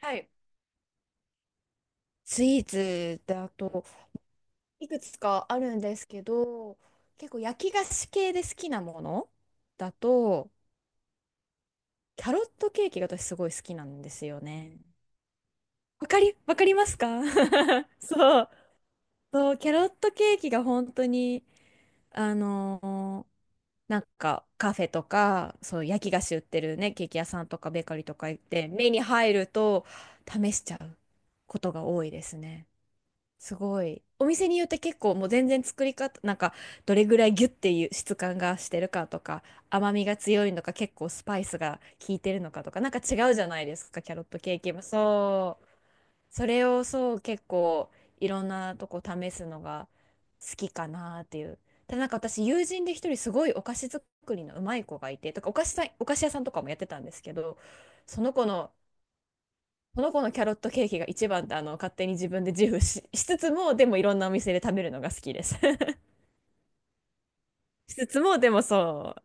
はい。スイーツだといくつかあるんですけど、結構焼き菓子系で好きなものだとキャロットケーキが私すごい好きなんですよね。わかりますか？ そう、そう、キャロットケーキが本当にあのーなんかカフェとか、そう、焼き菓子売ってるね、ケーキ屋さんとかベーカリーとか行って目に入ると試しちゃうことが多いですね。すごい。お店によって結構もう全然作り方、なんかどれぐらいギュッていう質感がしてるかとか、甘みが強いのか結構スパイスが効いてるのかとか、なんか違うじゃないですか、キャロットケーキも。そう。それをそう結構いろんなとこ試すのが好きかなっていう。ただなんか私、友人で一人すごいお菓子作りのうまい子がいて、とかお菓子屋さんとかもやってたんですけど、その子のこの子のキャロットケーキが一番って、あの、勝手に自分で自負しつつも、でもいろんなお店で食べるのが好きです。 しつつもでも、そう、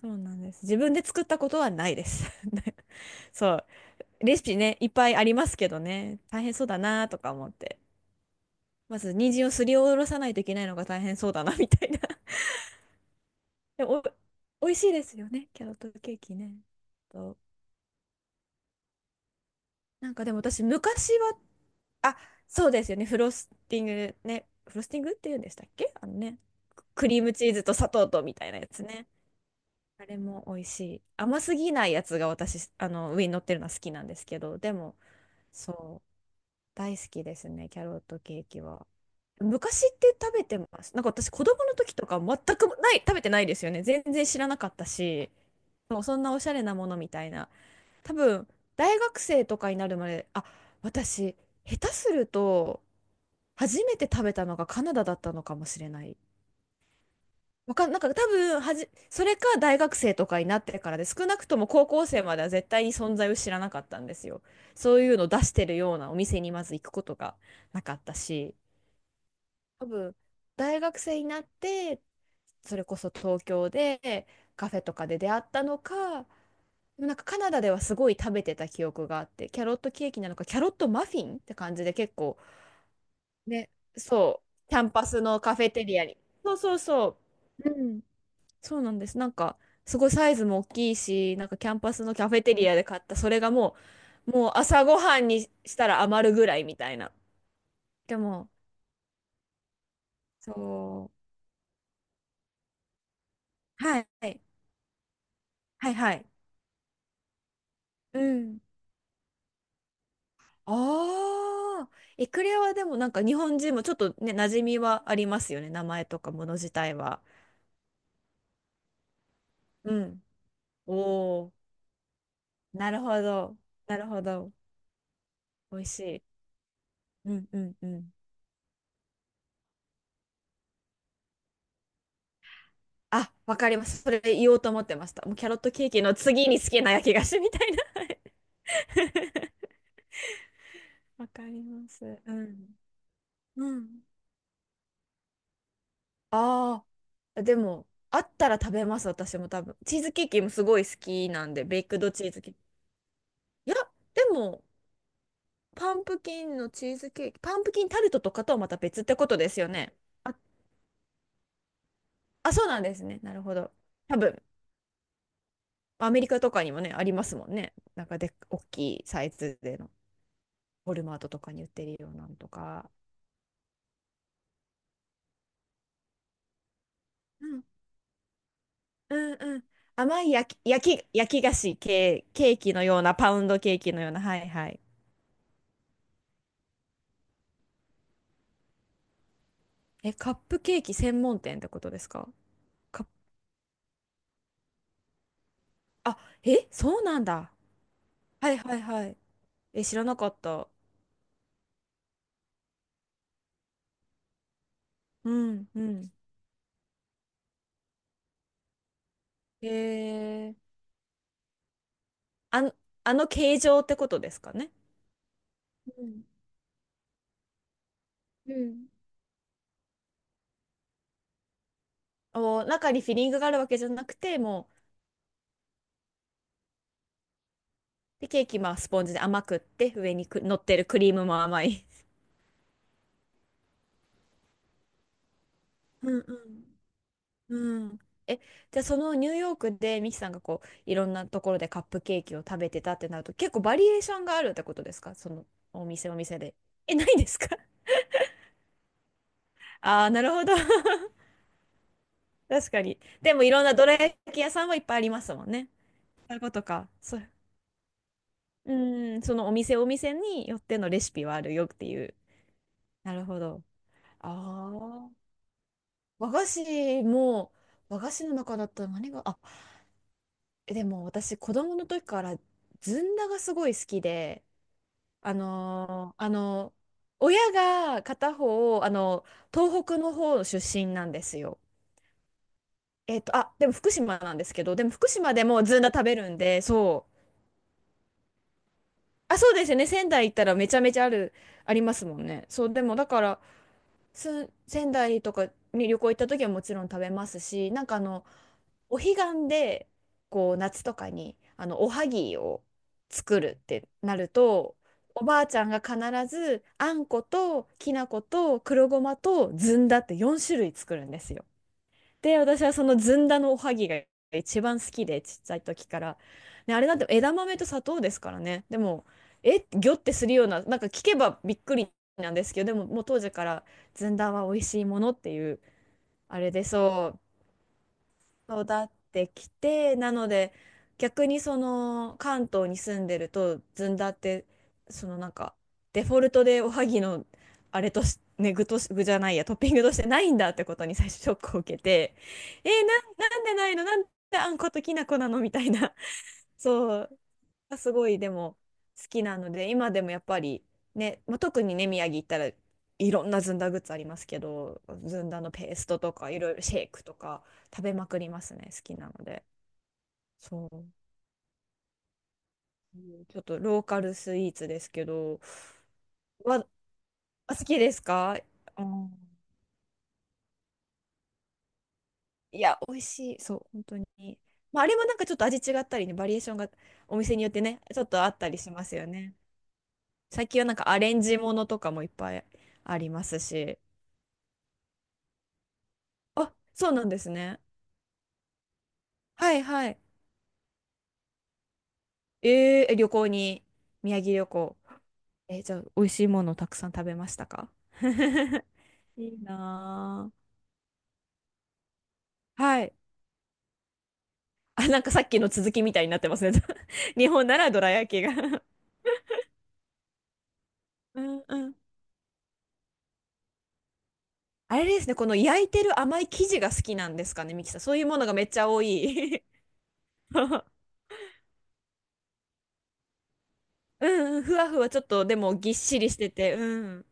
そうなんです、自分で作ったことはないです。 そうレシピね、いっぱいありますけどね、大変そうだなとか思って、まず人参をすりおろさないといけないのが大変そうだなみたいな。 でもお美味しいですよね、キャロットケーキね。と、なんかでも私昔は、あ、そうですよね、フロスティングね、フロスティングって言うんでしたっけ、あのね、クリームチーズと砂糖とみたいなやつね。あれも美味しい。甘すぎないやつが私、あの、上に乗ってるのは好きなんですけど、でも、そう、大好きですね、キャロットケーキは。昔って食べてます。なんか私、子供の時とか全くない、食べてないですよね。全然知らなかったし、そう、そんなおしゃれなものみたいな。多分、大学生とかになるまで、あ、私、下手すると、初めて食べたのがカナダだったのかもしれない。わかん、なんか多分、それか大学生とかになってからで、少なくとも高校生までは絶対に存在を知らなかったんですよ。そういうのを出してるようなお店にまず行くことがなかったし、多分、大学生になって、それこそ東京でカフェとかで出会ったのか、でもなんかカナダではすごい食べてた記憶があって、キャロットケーキなのか、キャロットマフィンって感じで結構、ね、そう、キャンパスのカフェテリアに。そうそうそう。うん、そうなんです。なんか、すごいサイズも大きいし、なんかキャンパスのカフェテリアで買った、それがもう、もう朝ごはんにしたら余るぐらいみたいな。でも、そう。はい。はいはい。うん。ああ、エクレアはでもなんか日本人もちょっとね、馴染みはありますよね。名前とかもの自体は。うん。おお、なるほど。なるほど。美味しい。うんうんうん。あ、わかります。それ言おうと思ってました。もうキャロットケーキの次に好きな焼き菓子みたいな。わかります。うん。うん。ああ、でも、あったら食べます、私も多分。チーズケーキもすごい好きなんで、ベイクドチーズケーキ。いや、でも、パンプキンのチーズケーキ、パンプキンタルトとかとはまた別ってことですよね。あ、あ、そうなんですね。なるほど。多分、アメリカとかにもね、ありますもんね。なんかで、大きいサイズでの、ウォルマートとかに売ってるようなのとか。うんうん。甘い焼き菓子系、ケーキのような、パウンドケーキのような。はいはい。え、カップケーキ専門店ってことですか？カップ、あ、え、そうなんだ。はいはいはい。え、知らなかった。うんうん。へえ。あの、あの形状ってことですかね。うんうん。お、中にフィリングがあるわけじゃなくて、もう、で、ケーキ、まあ、スポンジで甘くって、上にく、乗ってるクリームも甘い。うんうんうん。え、じゃあそのニューヨークでミキさんがこういろんなところでカップケーキを食べてたってなると、結構バリエーションがあるってことですか？そのお店お店で。え、ないんですか？ ああー、なるほど。確かに。でもいろんなどら焼き屋さんはいっぱいありますもんね。そういうことか。そう。うん、そのお店お店によってのレシピはあるよっていう。なるほど。ああ。和菓子も、和菓子の中だったら何が、あ、でも私、子供の時からずんだがすごい好きで、あのーあのー親が片方、あの、東北の方出身なんですよ。えっと、あ、でも福島なんですけど、でも福島でもずんだ食べるんで、そう。あ、そうですよね。仙台行ったらめちゃめちゃある、ありますもんね。そう、でもだから、仙台とかに旅行行った時はもちろん食べますし、なんかあの、お彼岸でこう夏とかにあのおはぎを作るってなると、おばあちゃんが必ずあんこときな粉と黒ごまとずんだって4種類作るんですよ。で、私はそのずんだのおはぎが一番好きで、ちっちゃい時から。ね、あれなんて枝豆と砂糖ですからね。でも、え、ギョってするような、なんか聞けばびっくりなんですけど、でももう当時からずんだは美味しいものっていう、あれでそう、育ってきて、なので逆にその関東に住んでるとずんだって、そのなんかデフォルトでおはぎのあれとし、ね、具とし、具じゃないや、トッピングとしてないんだってことに 最初ショックを受けて、えー、なんでないの、なんであんこときな粉なのみたいな。 そうがすごいでも好きなので、今でもやっぱりね、まあ、特にね宮城行ったら、いろんなずんだグッズありますけど、ずんだのペーストとかいろいろ、シェイクとか食べまくりますね、好きなので。そう、ちょっとローカルスイーツですけど。わあ、好きですか？うん、いや美味しい、そう本当に。まあ、あれもなんかちょっと味違ったりね、バリエーションがお店によってねちょっとあったりしますよね。最近はなんかアレンジものとかもいっぱいありますし。あ、そうなんですね。はいはい。えー、旅行に、宮城旅行。えー、じゃあ、美味しいものをたくさん食べましたか？ いいなぁ。はい。あ、なんかさっきの続きみたいになってますね。日本ならどら焼きが うんうん。あれですね、この焼いてる甘い生地が好きなんですかね、ミキさん。そういうものがめっちゃ多い。そう、うんうん、ふわふわ、ちょっとでもぎっしりしてて、うん。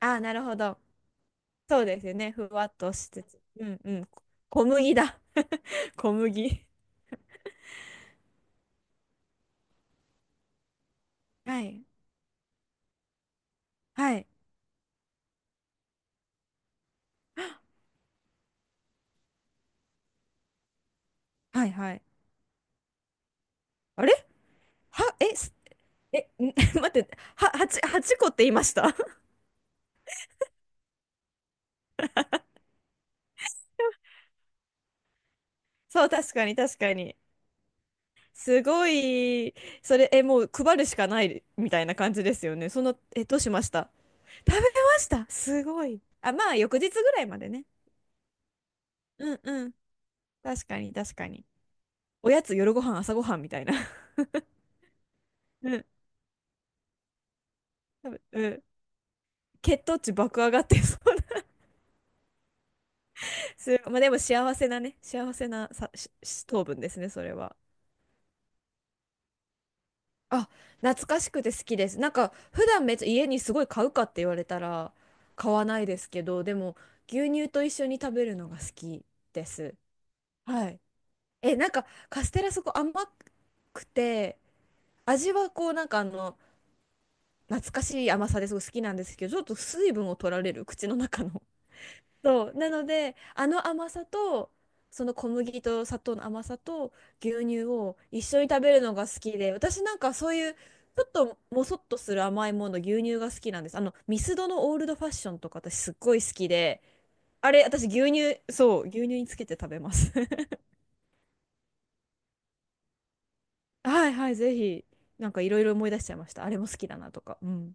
あー、なるほど。そうですよね、ふわっとしつつ。うんうん。小麦だ。小麦。はい。はい。はいはい。あれは、え、ん、 待って、は、8、八個って言いました？ そう、確かに確かに。すごい、それ、え、もう配るしかないみたいな感じですよね。その、え、どうしました？食べました？すごい。あ、まあ、翌日ぐらいまでね。うんうん。確かに確かに。おやつ、夜ご飯、朝ごはんみたいな。うん。多分うん。血糖値爆上がってそうな。す、まあ、でも幸せなね、幸せなさしし糖分ですね、それは。あ、懐かしくて好きです。なんか普段めっちゃ家にすごい買うかって言われたら買わないですけど、でも牛乳と一緒に食べるのが好きです。はい。え、なんかカステラそこ甘くて、味はこうなんかあの懐かしい甘さですごい好きなんですけど、ちょっと水分を取られる口の中の。そう。なので、あの甘さと、その小麦と砂糖の甘さと牛乳を一緒に食べるのが好きで、私なんかそういう、ちょっともそっとする甘いもの、牛乳が好きなんです。あの、ミスドのオールドファッションとか私すっごい好きで、あれ、私牛乳、そう、牛乳につけて食べます。はいはい、ぜひ、なんかいろいろ思い出しちゃいました。あれも好きだなとか。うん。